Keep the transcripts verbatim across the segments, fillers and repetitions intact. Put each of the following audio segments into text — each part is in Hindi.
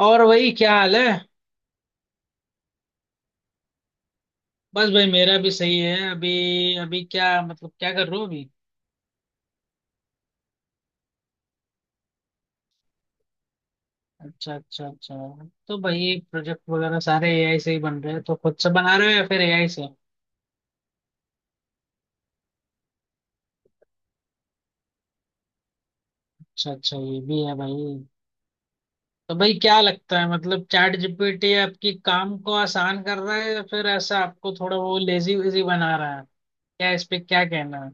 और वही क्या हाल है। बस भाई मेरा भी सही है। अभी अभी क्या मतलब क्या कर रहे हो अभी? अच्छा, अच्छा, अच्छा। तो भाई प्रोजेक्ट वगैरह सारे एआई से ही बन रहे हैं, तो खुद से बना रहे हो या फिर एआई से? अच्छा, अच्छा, ये भी है भाई। तो भाई क्या लगता है, मतलब चैट जीपीटी आपकी काम को आसान कर रहा है, या फिर ऐसा आपको थोड़ा वो लेजी वेजी बना रहा है? क्या इस पे क्या कहना है?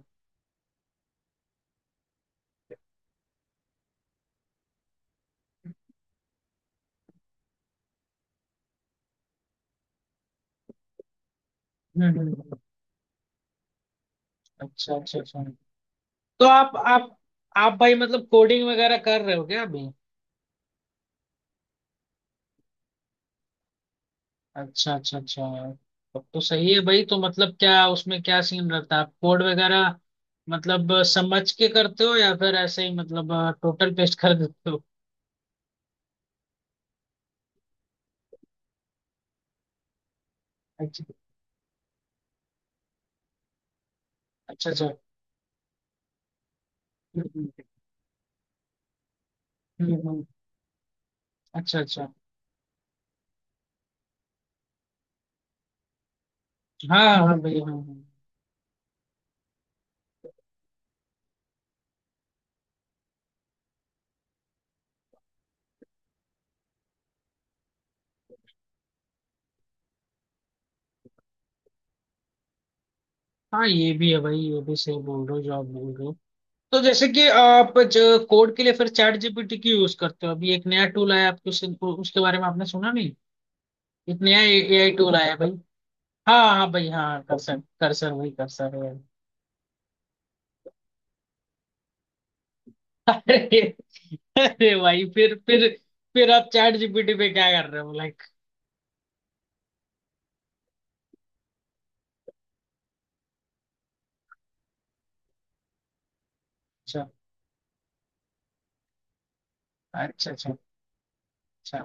हम्म, हम्म। अच्छा, अच्छा, अच्छा। तो आप आप आप भाई मतलब कोडिंग वगैरह कर रहे हो क्या अभी? अच्छा, अच्छा, अच्छा। तब तो सही है भाई। तो मतलब क्या उसमें क्या सीन रहता है, आप कोड वगैरह मतलब समझ के करते हो या फिर ऐसे ही मतलब टोटल पेस्ट कर देते हो? अच्छा, अच्छा, अच्छा। हम्म, हम्म, हम्म। अच्छा, अच्छा। हाँ, हाँ, हाँ भाई, हाँ, हाँ। हाँ, ये भी है भाई, ये भी सही बोल रहे हो जो आप बोल रहे हो। तो जैसे कि आप जो कोड के लिए फिर चैट जीपीटी क्यों यूज करते हो? अभी एक नया टूल आया, आपको उस- उसके बारे में आपने सुना नहीं? एक नया एआई टूल आया है भाई। हाँ, हाँ भाई, हाँ, कर्सर, कर्सर वही कर्सर है। अरे, अरे भाई, फिर फिर फिर आप चैट जीपीटी पे क्या कर रहे हो, लाइक? अच्छा, अच्छा, अच्छा, अच्छा।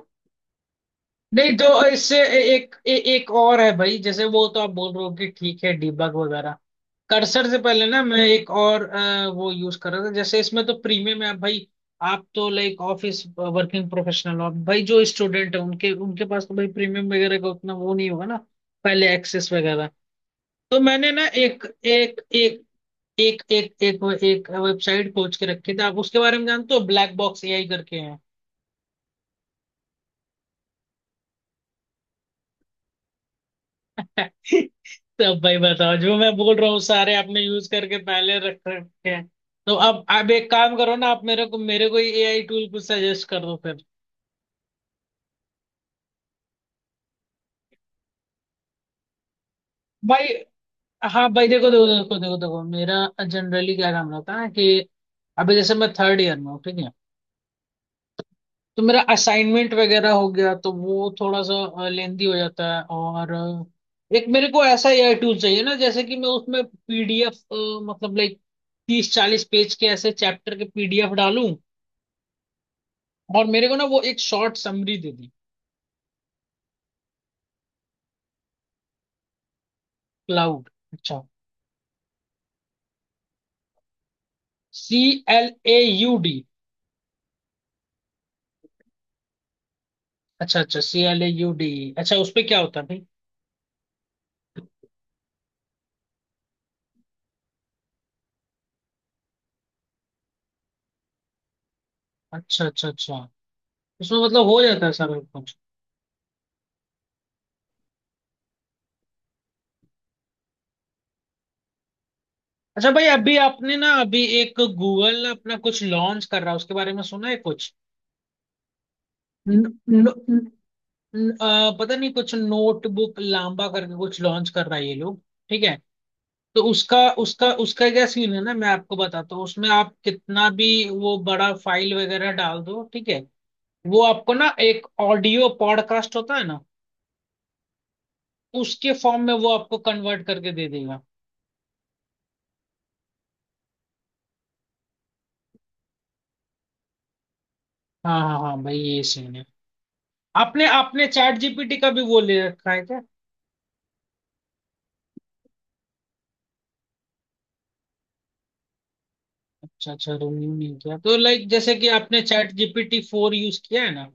नहीं तो इससे ए- एक ए, एक और है भाई, जैसे वो तो आप बोल रहे हो कि ठीक है, डीबग वगैरह। कर्सर से पहले ना मैं एक और अ, वो यूज कर रहा था, जैसे इसमें तो प्रीमियम है भाई। आप तो लाइक ऑफिस वर्किंग प्रोफेशनल हो भाई, जो स्टूडेंट है उनके उनके पास तो भाई प्रीमियम वगैरह का उतना वो नहीं होगा ना। पहले एक्सेस वगैरह। तो मैंने ना एक एक एक एक एक एक वो- एक वेबसाइट खोज के रखे थे। आप उसके बारे में जानते हो? ब्लैक बॉक्स एआई करके हैं। तो अब भाई बताओ, जो मैं बोल रहा हूँ सारे आपने यूज करके पहले रख रखे हैं। तो अब आप एक काम करो ना, आप मेरे को मेरे को एआई टूल कुछ सजेस्ट कर दो फिर। भाई, हाँ भाई, देखो, देखो, देखो, देखो, देखो मेरा जनरली क्या काम रहता है कि अभी जैसे मैं थर्ड ईयर में हूँ, ठीक है। तो मेरा असाइनमेंट वगैरह हो गया, तो वो थोड़ा सा लेंदी हो जाता है, और अ, एक मेरे को ऐसा एआई टूल चाहिए ना, जैसे कि मैं उसमें पीडीएफ, मतलब लाइक तीस चालीस पेज के ऐसे चैप्टर के पीडीएफ डालूं। और मेरे को ना वो एक शॉर्ट समरी दे दी। क्लाउड, अच्छा, C L A U D. अच्छा, अच्छा, C L A U D. अच्छा, उस पे क्या होता है भाई? अच्छा, अच्छा, अच्छा। उसमें मतलब हो जाता है सब कुछ? अच्छा भाई, अभी आपने ना, अभी एक गूगल अपना कुछ लॉन्च कर रहा है, उसके बारे में सुना है कुछ? न, न, न, न- आ, पता नहीं कुछ नोटबुक लांबा करके कुछ लॉन्च कर रहा है ये लोग। ठीक है। तो उसका उसका उसका क्या सीन है ना, मैं आपको बताता हूँ, उसमें आप कितना भी वो बड़ा फाइल वगैरह डाल दो, ठीक है। वो आपको ना, एक ऑडियो पॉडकास्ट होता है ना, उसके फॉर्म में वो आपको कन्वर्ट करके दे देगा। हाँ, हाँ, हाँ भाई, ये सीन है। आपने आपने चैट जीपीटी का भी वो ले रखा है क्या? अच्छा, अच्छा रिन्यू नहीं किया। तो लाइक जैसे कि आपने चैट जीपीटी फोर यूज किया है ना?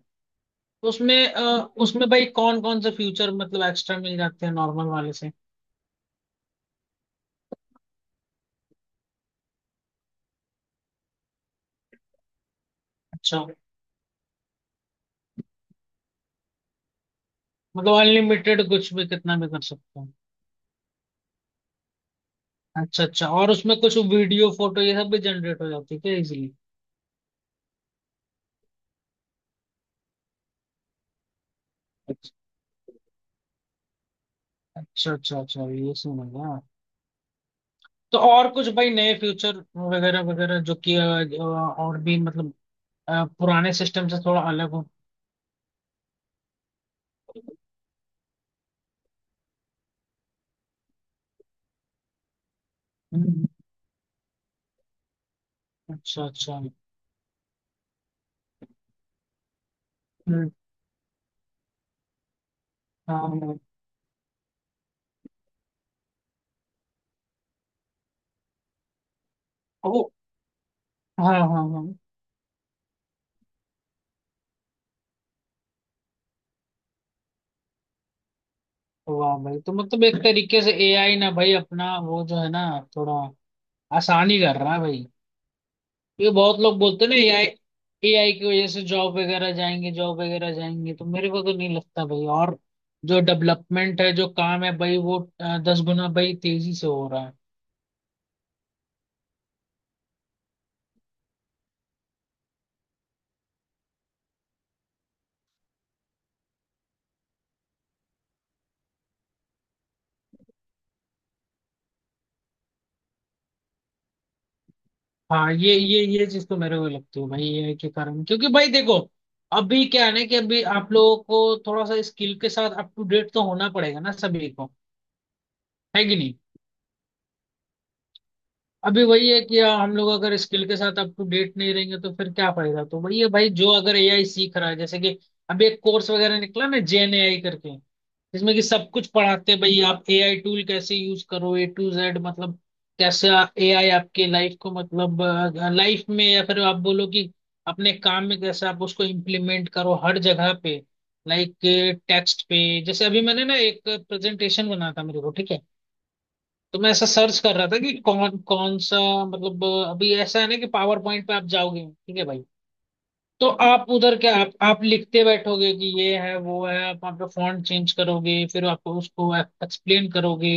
उसमें अ, उसमें भाई कौन कौन से फ्यूचर मतलब एक्स्ट्रा मिल जाते हैं नॉर्मल वाले से? अच्छा, मतलब अनलिमिटेड कुछ भी कितना भी कर सकते हैं? अच्छा, अच्छा। और उसमें कुछ वीडियो फोटो ये सब भी जनरेट हो जाती है क्या इजीली? अच्छा, अच्छा, अच्छा, अच्छा, ये सीन है क्या? तो और कुछ भाई नए फ्यूचर वगैरह वगैरह, जो कि अ, अ, और भी मतलब अ, पुराने सिस्टम से थोड़ा अलग हो? हम्म, अच्छा, अच्छा, हम्म, हाँ, हाँ, ओ, हाँ, हाँ, हाँ। वाह भाई, तो मतलब एक तरीके से एआई ना भाई अपना वो जो है ना, थोड़ा आसानी कर रहा है भाई। ये बहुत लोग बोलते हैं ना, एआई, एआई की वजह से जॉब वगैरह जाएंगे, जॉब वगैरह जाएंगे, तो मेरे को तो नहीं लगता भाई। और जो डेवलपमेंट है, जो काम है भाई, वो अ, दस गुना भाई तेजी से हो रहा है। हाँ, ये ये ये चीज तो मेरे को लगती है भाई एआई के कारण, क्योंकि भाई देखो, अभी क्या है ना कि अभी आप लोगों को थोड़ा सा स्किल के साथ अप टू डेट तो होना पड़ेगा ना सभी को। है कि नहीं? अभी वही है कि हम लोग अगर स्किल के साथ अप टू डेट नहीं रहेंगे, तो फिर क्या फायदा? तो वही है भाई, जो अगर एआई सीख रहा है जैसे कि अभी एक कोर्स वगैरह निकला ना, जेन एआई करके, जिसमें कि सब कुछ पढ़ाते हैं भाई, आप एआई टूल कैसे यूज करो ए टू जेड, मतलब कैसे एआई आपके लाइफ को, मतलब लाइफ में, या फिर आप बोलो कि अपने काम में कैसे आप उसको इम्प्लीमेंट करो हर जगह पे, लाइक टेक्स्ट पे। जैसे अभी मैंने ना एक प्रेजेंटेशन बना था मेरे को, ठीक है। तो मैं ऐसा सर्च कर रहा था कि कौन कौन सा, मतलब अभी ऐसा है ना कि पावर पॉइंट पे आप जाओगे, ठीक है भाई। तो आप उधर क्या, आप आप लिखते बैठोगे कि ये है वो है? आप वहाँ पे फॉन्ट चेंज करोगे, फिर आपको उसको एक्सप्लेन करोगे,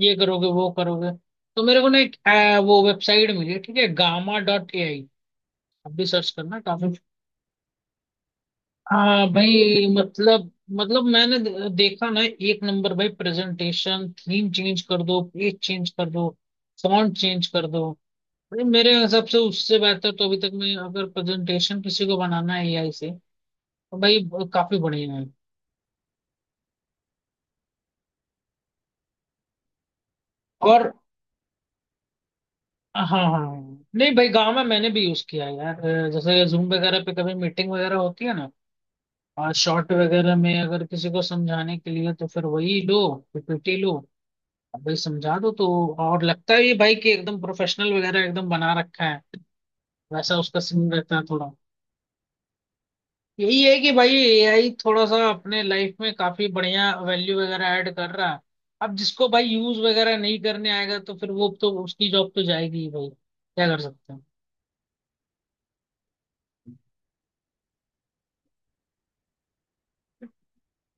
ये करोगे, वो करोगे। तो मेरे को ना एक अ, वो वेबसाइट मिली, ठीक है, गामा डॉट ए आई। आप भी सर्च करना, काफी। हाँ भाई, मतलब मतलब मैंने दे- देखा ना, एक नंबर भाई प्रेजेंटेशन, थीम चेंज कर दो, पेज चेंज कर दो, फॉन्ट चेंज कर दो। भाई, मेरे हिसाब से उससे बेहतर तो अभी तक, मैं अगर प्रेजेंटेशन किसी को बनाना है एआई से, तो भाई ब- काफी बढ़िया है। और हाँ, हाँ, हाँ। नहीं भाई, गांव में मैंने भी यूज किया है यार। अ, जैसे जूम वगैरह पे कभी मीटिंग वगैरह होती है ना, और शॉर्ट वगैरह में अगर किसी को समझाने के लिए, तो फिर वही लो, पीपीटी लो, अब भाई समझा दो तो, और लगता है ये भाई कि एकदम प्रोफेशनल वगैरह एकदम बना रखा है। वैसा उसका सीन रहता है थोड़ा। यही है कि भाई एआई थोड़ा सा अपने लाइफ में काफी बढ़िया वैल्यू वगैरह ऐड कर रहा है। अब जिसको भाई यूज वगैरह नहीं करने आएगा, तो फिर वो तो उसकी जॉब तो जाएगी ही भाई, क्या कर सकते हैं।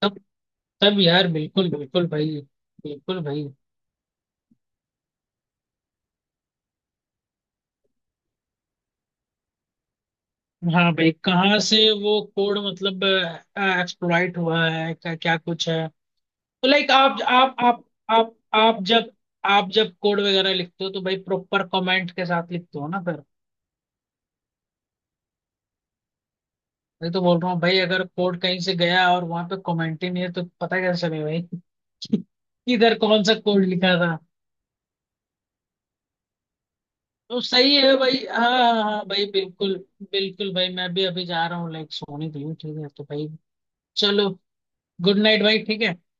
तब तब यार बिल्कुल, बिल्कुल भाई, बिल्कुल भाई। हाँ भाई, कहाँ से वो कोड मतलब एक्सप्लॉइट हुआ है, क्या क्या कुछ है। तो लाइक आप आप आप आप आप जब आप जब कोड वगैरह लिखते हो तो भाई प्रॉपर कमेंट के साथ लिखते हो ना? मैं तो बोल रहा हूँ भाई, अगर कोड कहीं से गया और वहां पे कमेंट ही नहीं है, तो पता कैसे चले भाई कि इधर कौन सा कोड लिखा था। तो सही है भाई, हाँ, हाँ, हाँ भाई बिल्कुल, बिल्कुल भाई। मैं भी अभी जा रहा हूँ लाइक सोने के लिए, ठीक है तो भाई, चलो, गुड नाइट भाई, ठीक है।